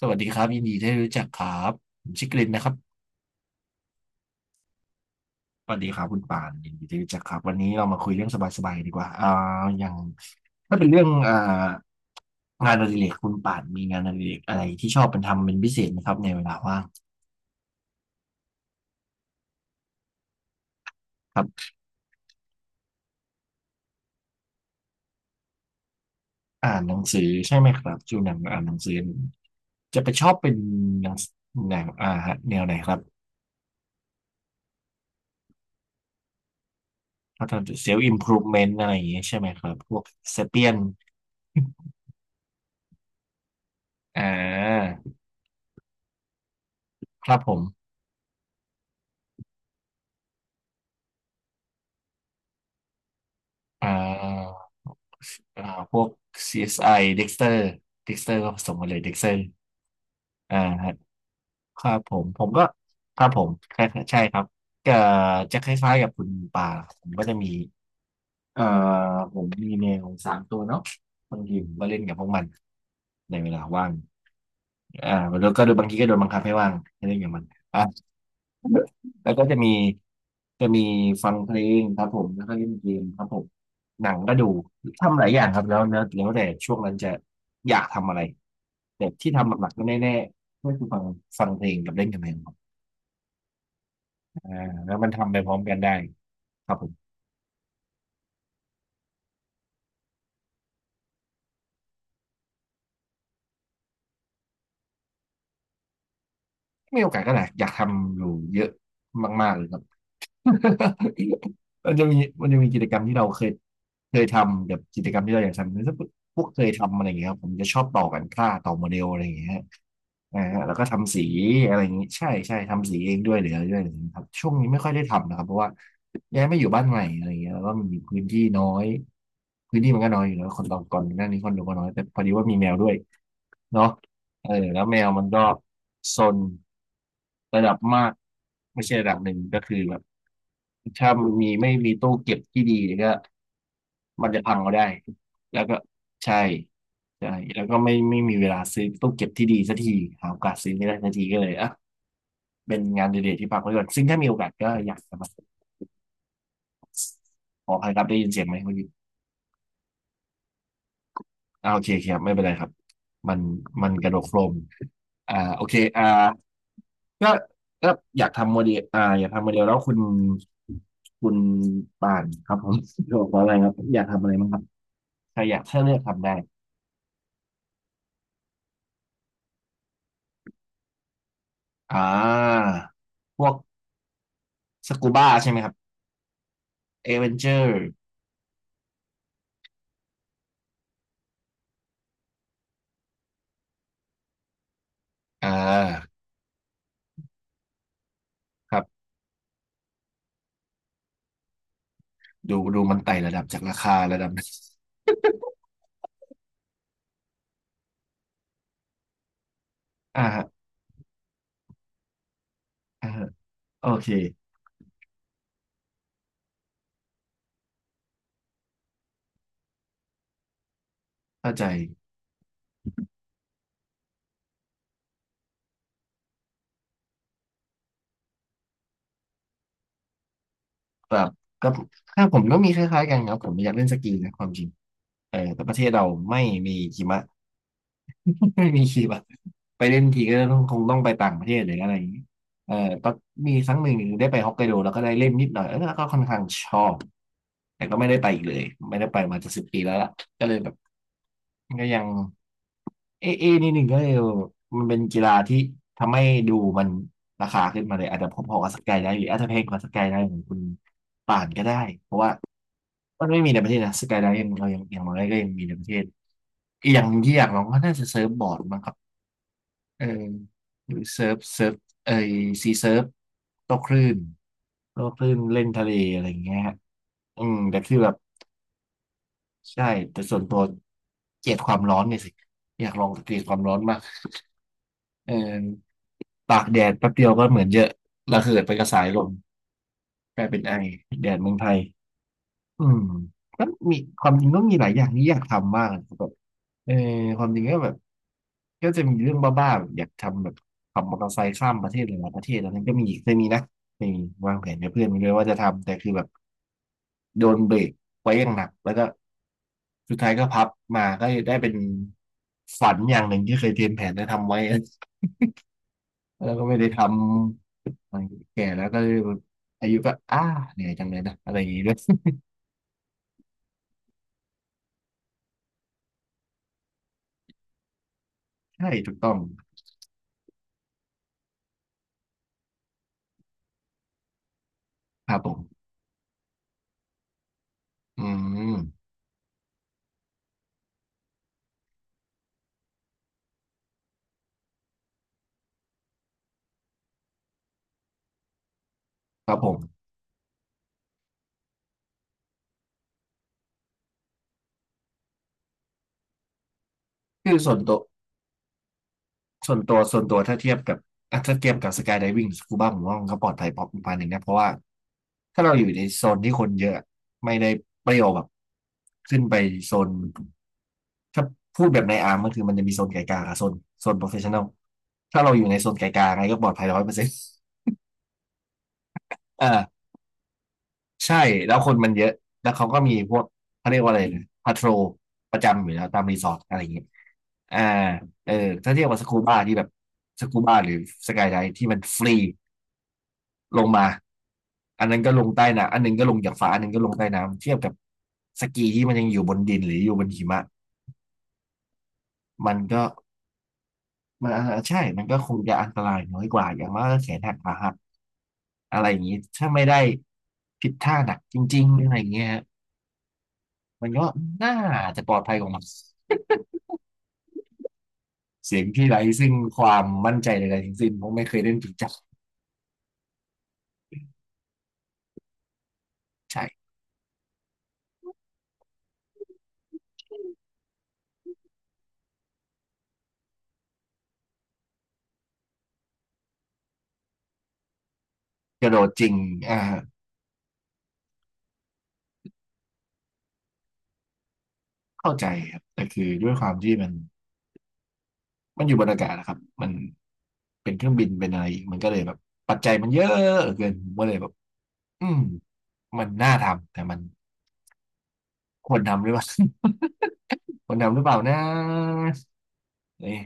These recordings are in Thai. สวัสดีครับยินดีที่ได้รู้จักครับผมชื่อกลินนะครับสวัสดีครับคุณปานยินดีที่ได้รู้จักครับวันนี้เรามาคุยเรื่องสบายๆดีกว่าอ่าอย่างถ้าเป็นเรื่องงานอดิเรกคุณปานมีงานอดิเรกอะไรที่ชอบเป็นทำเป็นพิเศษไหมครับในเวลาว่างครับอ่านหนังสือใช่ไหมครับจูหนังอ่านหนังสือจะไปชอบเป็นหนังหนังฮะแนวไหนครับก็จะเซลฟ์อิมพรูฟเมนต์อะไรอย่างเงี้ยใช่ไหมครับพวกเซเปียนอ่าครับผมอ่า อ่าพวก CSI Dexter Dexter ก็ผสมกัเลย Dexter อ่าฮะครับผมผมก็ครับผมใช่ใช่ครับก็จะคล้ายๆกับคุณป่าผมก็จะมีเอ่อผมมีแมว3 ตัวเนาะบางทีผมก็เล่นกับพวกมันในเวลาว่างอ่าแล้วก็โดยบางทีก็โดนบังคับให้ว่างให้เล่นกับมัน แล้วก็จะมีฟังเพลงครับผมแล้วก็เล่นเกมครับผมหนังก็ดูทำหลายอย่างครับแล้วแต่ช่วงนั้นจะอยากทำอะไรแต่ที่ทำหลักๆก็แน่ๆก็คือฟังเพลงกับเล่นกับเพลงครับอ่าแล้วมันทำไปพร้อมกันได้ครับผมมีโอกาสก็แหลายอยากทำอยู่เยอะมากๆเลยครับ มันจะมีกิจกรรมที่เราเคยทำกับกิจกรรมที่เราอยากทำถ้าพวกเคยทำอะไรอย่างเงี้ยครับผมจะชอบต่อกันค่าต่อโมเดลอะไรอย่างเงี้ยฮะฮะแล้วก็ทำสีอะไรอย่างงี้ใช่ใช่ทำสีเองด้วยหรืออะไรด้วยอะไรอย่างเงี้ยครับช่วงนี้ไม่ค่อยได้ทำนะครับเพราะว่าย้ายมาอยู่บ้านใหม่อะไรอย่างเงี้ยแล้วก็มีพื้นที่น้อยพื้นที่มันก็น้อยอยู่แล้วคนเราก่อนหน้านี้คนเรวก็น้อยแต่พอดีว่ามีแมวด้วยเนาะเออแล้วแมวมันก็ซนระดับมากไม่ใช่ระดับหนึ่งก็คือแบบ ถ้ามันมีไม่มีตู้เก็บที่ดีก็มันจะพังก็ได้แล้วก็ใช่ใช่แล้วก็ไม่มีเวลาซื้อตู้เก็บที่ดีสักทีหาโอกาสซื้อไม่ได้สักทีก็เลยอ่ะเป็นงานเดเลกที่พักไว้ก่อนซึ่งถ้ามีโอกาสก็อยากจะมาขออภัยครับได้ยินเสียงไหมเมื่อกี้โอเคโอเคครับไม่เป็นไรครับมันมันกระโดดโครมโอเคก็ก็อยากทำโมเดลอยากทำโมเดลแล้วคุณป่านครับผม บอกว่าอะไรครับอยากทำอะไรบ้างครับถ้าเลือกทำได้ อ่าพวกสกูบ้าใช่ไหมครับเอเวนเจอร์อ่าครับดูดูมันไต่ระดับจากราคาระดับ อ่าฮะอ่าฮะโอเคเข้าใจแบบก็ถ้าผมก็มีคล้ายๆกันครับผมอยากเล่นสกีนะความจริงเออแต่ประเทศเราไม่มีหิมะ ไม่มีคลิปอะไปเล่นทีก็ต้องคงต้องไปต่างประเทศหรืออะไรอย่างนี้เออตอนมีครั้งหนึ่งได้ไปฮอกไกโดแล้วก็ได้เล่นนิดหน่อยเออแล้วก็ค่อนข้างชอบแต่ก็ไม่ได้ไปอีกเลยไม่ได้ไปมาจะ10 ปีแล้วล่ะก็เลยแบบก็ยัง เอเอนิดหนึ่งก็เลยมันเป็นกีฬาที่ทำให้ดูมันราคาขึ้นมาเลยอาจจะพอๆกับสกายได้หรืออาจจะแพงกว่าสกายได้ของคุณป่านก็ได้เพราะว่ามันไม่มีในประเทศนะสกายได้ยังเรายังอย่างไรก็ยังมีในประเทศอีกอย่างที่อยากลองก็น่าจะเซิร์ฟบอร์ดมั้งครับเออหรือเซิร์ฟเออซีเซิร์ฟโต้คลื่นโต้คลื่นเล่นทะเลอะไรอย่างเงี้ยฮะอืมแต่คือแบบใช่แต่ส่วนตัวเกลียดความร้อนเนี่ยสิอยากลองเกลียดความร้อนมากเออ ตากแดดแป๊บเดียวก็เหมือนเยอะระเหิดไปกระสายลมกลายเป็นไอแดดเมืองไทยอืมก็มีความจริงก็มีหลายอย่างที่อยากทำมากนะครับแบบเออความจริงก็แบบก็จะมีเรื่องบ้าๆแบบอยากทำแบบขับมอเตอร์ไซค์ข้ามประเทศหลายๆประเทศอันนั้นก็มีเคยมีนะเคยมีวางแผนกับเพื่อนไว้ด้วยว่าจะทำแต่คือแบบโดนเบรกไว้อย่างหนักแล้วก็สุดท้ายก็พับมาก็ได้เป็นฝันอย่างหนึ่งที่เคยเตรียมแผนจะทำไว้ แล้วก็ไม่ได้ทำมันแก่แล้วก็เลยอายุก็อ้าเหนื่อยจังเลยนะอะไรอย่างนี้ด้วย ใช่ถูกต้องครับผมอืมครับผมคือส่วนตัวถ้าเทียบกับถ้าเทียบกับสกายได i วิ่งสกูบ้าผมว่ามันก็ปลอดภัยพอประมาณหนึ่งนะเพราะว่าถ้าเราอยู่ในโซนที่คนเยอะไม่ได้เปรี้ยวแบบขึ้นไปโซนถ้าพูดแบบในอาร์มก็คือมันจะมีโซนไกลกลางกับโซนโปรเฟชชั่นอลถ้าเราอยู่ในโซนไกลกลางไงก็ปลอดภัย100% อ่า ใช่แล้วคนมันเยอะ แล้วเขาก็มีพวกเขาเรียกว่าอะไรนะพาโทรประจำอยู่แล้วตามรีสอร์ทอะไรอย่างเงี้ยอ่าเออถ้าเทียบกับสกูบ้าที่แบบสกูบ้าหรือสกายไดที่มันฟรีลงมาอันนั้นก็ลงใต้น้ำอันหนึงก็ลงจากฟ้าอันหนึงก็ลงใต้น้ำเทียบกับสกีที่มันยังอยู่บนดินหรืออยู่บนหิมะมันก็มันใช่มันก็คงจะอันตรายน้อยกว่าอย่างมากก็แขนหักขาหักอะไรอย่างนี้ถ้าไม่ได้ผิดท่าหนักจริงๆอะไรอย่างเงี้ยฮะมันก็น่าจะปลอดภัยกว่ามัน เสียงที่ไร้ซึ่งความมั่นใจใดๆทั้งสิ้นเพราะไม่เคยเล่นจริงจังใช่กระโดดจริงอ่าเข้าใจครับแต่คือด้วยความที่มันอยู่บนอากาศนะครับมันเป็นเครื่องบินเป็นอะไรอีกมันก็เลยแบบปัจจัยมันเยอะเกินผมก็เลยแบบอืมมันน่าทำแต่มันควรทำหรือเปล่า ควรทำหรือเปล่านะนี่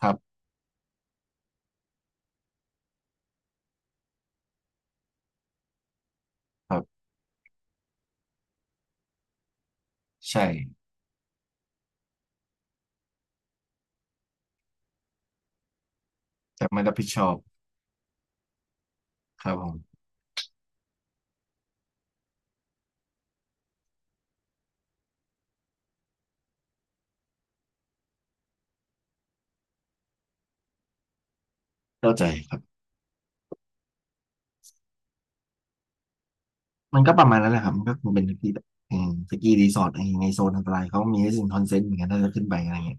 ครับครับใช่แต่ไม่รับผิดชอบครับผมเข้าใจครับ มันก็ประมาณนั้นแหละครับมันก็คงเป็นสกีแบบอืมสกีรีสอร์ทอะไรอย่างเงี้ยในโซนอันตรายเขามีให้สิ่งคอนเซนต์เหมือนกันถ้าจะขึ้นไปอะไรเงี้ย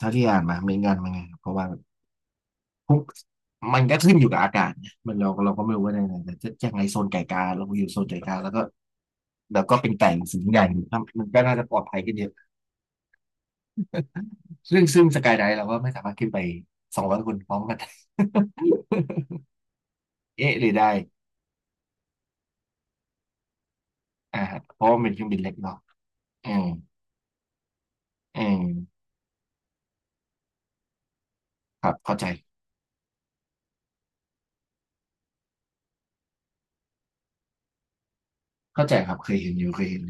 ถ้าที่อ่านมาไม่งานมาไงครับเพราะว่าพวกมันก็ขึ้นอยู่กับอากาศนะมันเราก็ไม่รู้ว่าในไหนแต่จะยังไงโซนไก่กาเราอยู่โซนไก่กาแล้วก็เป็นไก่สูงใหญ่ครับมันก็น่าจะปลอดภัยขึ้นเยอะซึ่งสกายไดฟ์เราก็ไม่สามารถขึ้นไป200 คนพร้อมกัน เอ๊ะหรือได้อ่าเพราะว่ามันเป็นเครื่องบินเล็กเนาะอืมอืมครับเข้าใจเข้าใจครับเคยเห็นอยู่เคยเห็น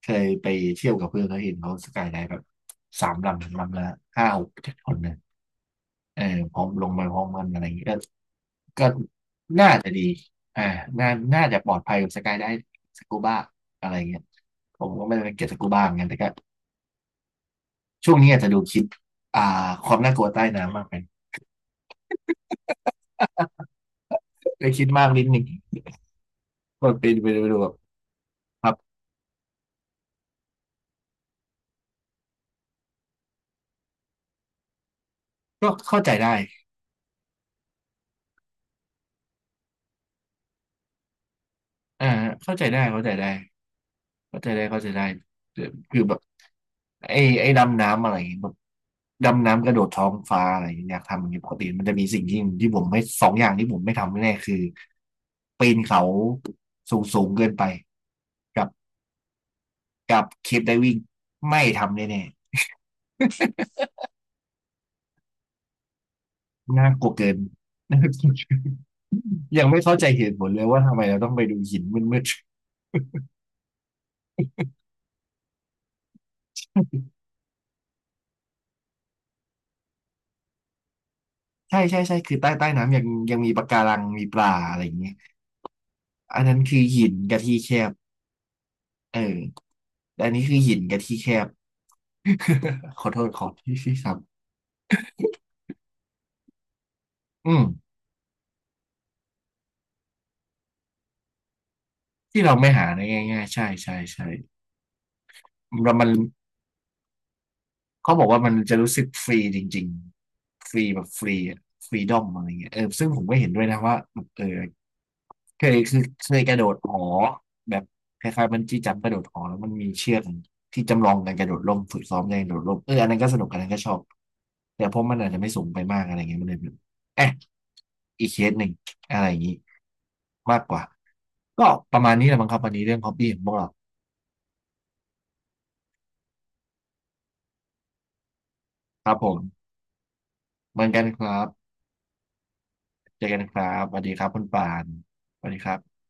เคยไปเที่ยวกับเพื่อนเขาเห็นเขาสกายไดฟ์แบบสามลำลำละห้าหกเจ็ดคนเนี่ยเออพร้อมลงไปพร้อมกันอะไรอย่างเงี้ยก็น่าจะดีอ่าน่าน่าจะปลอดภัยกับสกายไดฟ์สกูบ้าอะไรอย่างเงี้ยผมก็ไม่ได้เก็บสกูบ้าเหมือนกันแต่ก็ช่วงนี้อาจจะดูคลิปอ่าความน่ากลัวใต้น้ำมากไปได้คิดมากนิดหนึ่งก็เปดนไปดูแบบครับก็เข้าใจได้อ่าเข้าใจได้เข้าใจได้ เข้าใจได้เข้าใจได้คือแบบไอ้ดำน้ำอะไรอย่างเงี้ยแบบดำน้ำกระโดดท้องฟ้าอะไรอย่างเงี้ยอยากทำอย่างเงี้ยปกติมันจะมีสิ่งที่ที่ผมไม่สองอย่างที่ผมไม่ทำแน่ๆคือปีนเขาสูงสูงเกินไปกับกับเคปไดวิ่งไม่ทำแน่ๆน่ากลัวเกิน น่ากลัวเกินยังไม่เข้าใจเหตุผลเลยว่าทำไมเราต้องไปดูหินมืดๆใช่ใช่ใช่คือใต้น้ำยังมีปะการังมีปลาอะไรอย่างเงี้ยอันนั้นคือหินกับที่แคบ เออแต่อันนี้คือหินกับที่แคบ ขอโทษขอที่ที่ครับ อืม ที่เราไม่หาได้ง่ายๆใช่ใช่ใช่แล้วมันเขาบอกว่ามันจะรู้สึกฟรีจริงๆฟรีแบบฟรีอะฟรีดอมอะไรเงี้ยเออซึ่งผมก็เห็นด้วยนะว่าเออ เคยกระโดดหอแบบคล้ายๆบันจี้จัมป์กระโดดหอแล้วมันมีเชือกที่จำลองการกระโดดร่มฝึกซ้อมการกระโดดร่มเอออันนั้นก็สนุกอันนั้นก็ชอบแต่เพราะมันอาจจะไม่สูงไปมากอะไรเงี้ยมันเลยแบบเอ๊ะอีกเคสหนึ่งอะไรอย่างนี้มากกว่าก็ประมาณนี้แหละมั้งครับวันนี้เรื่องฮอบบี้ของพวกเราครับผมเหมือนกันครับเจอกันครับสวัสดีครับคุณปานสวัสดีครับ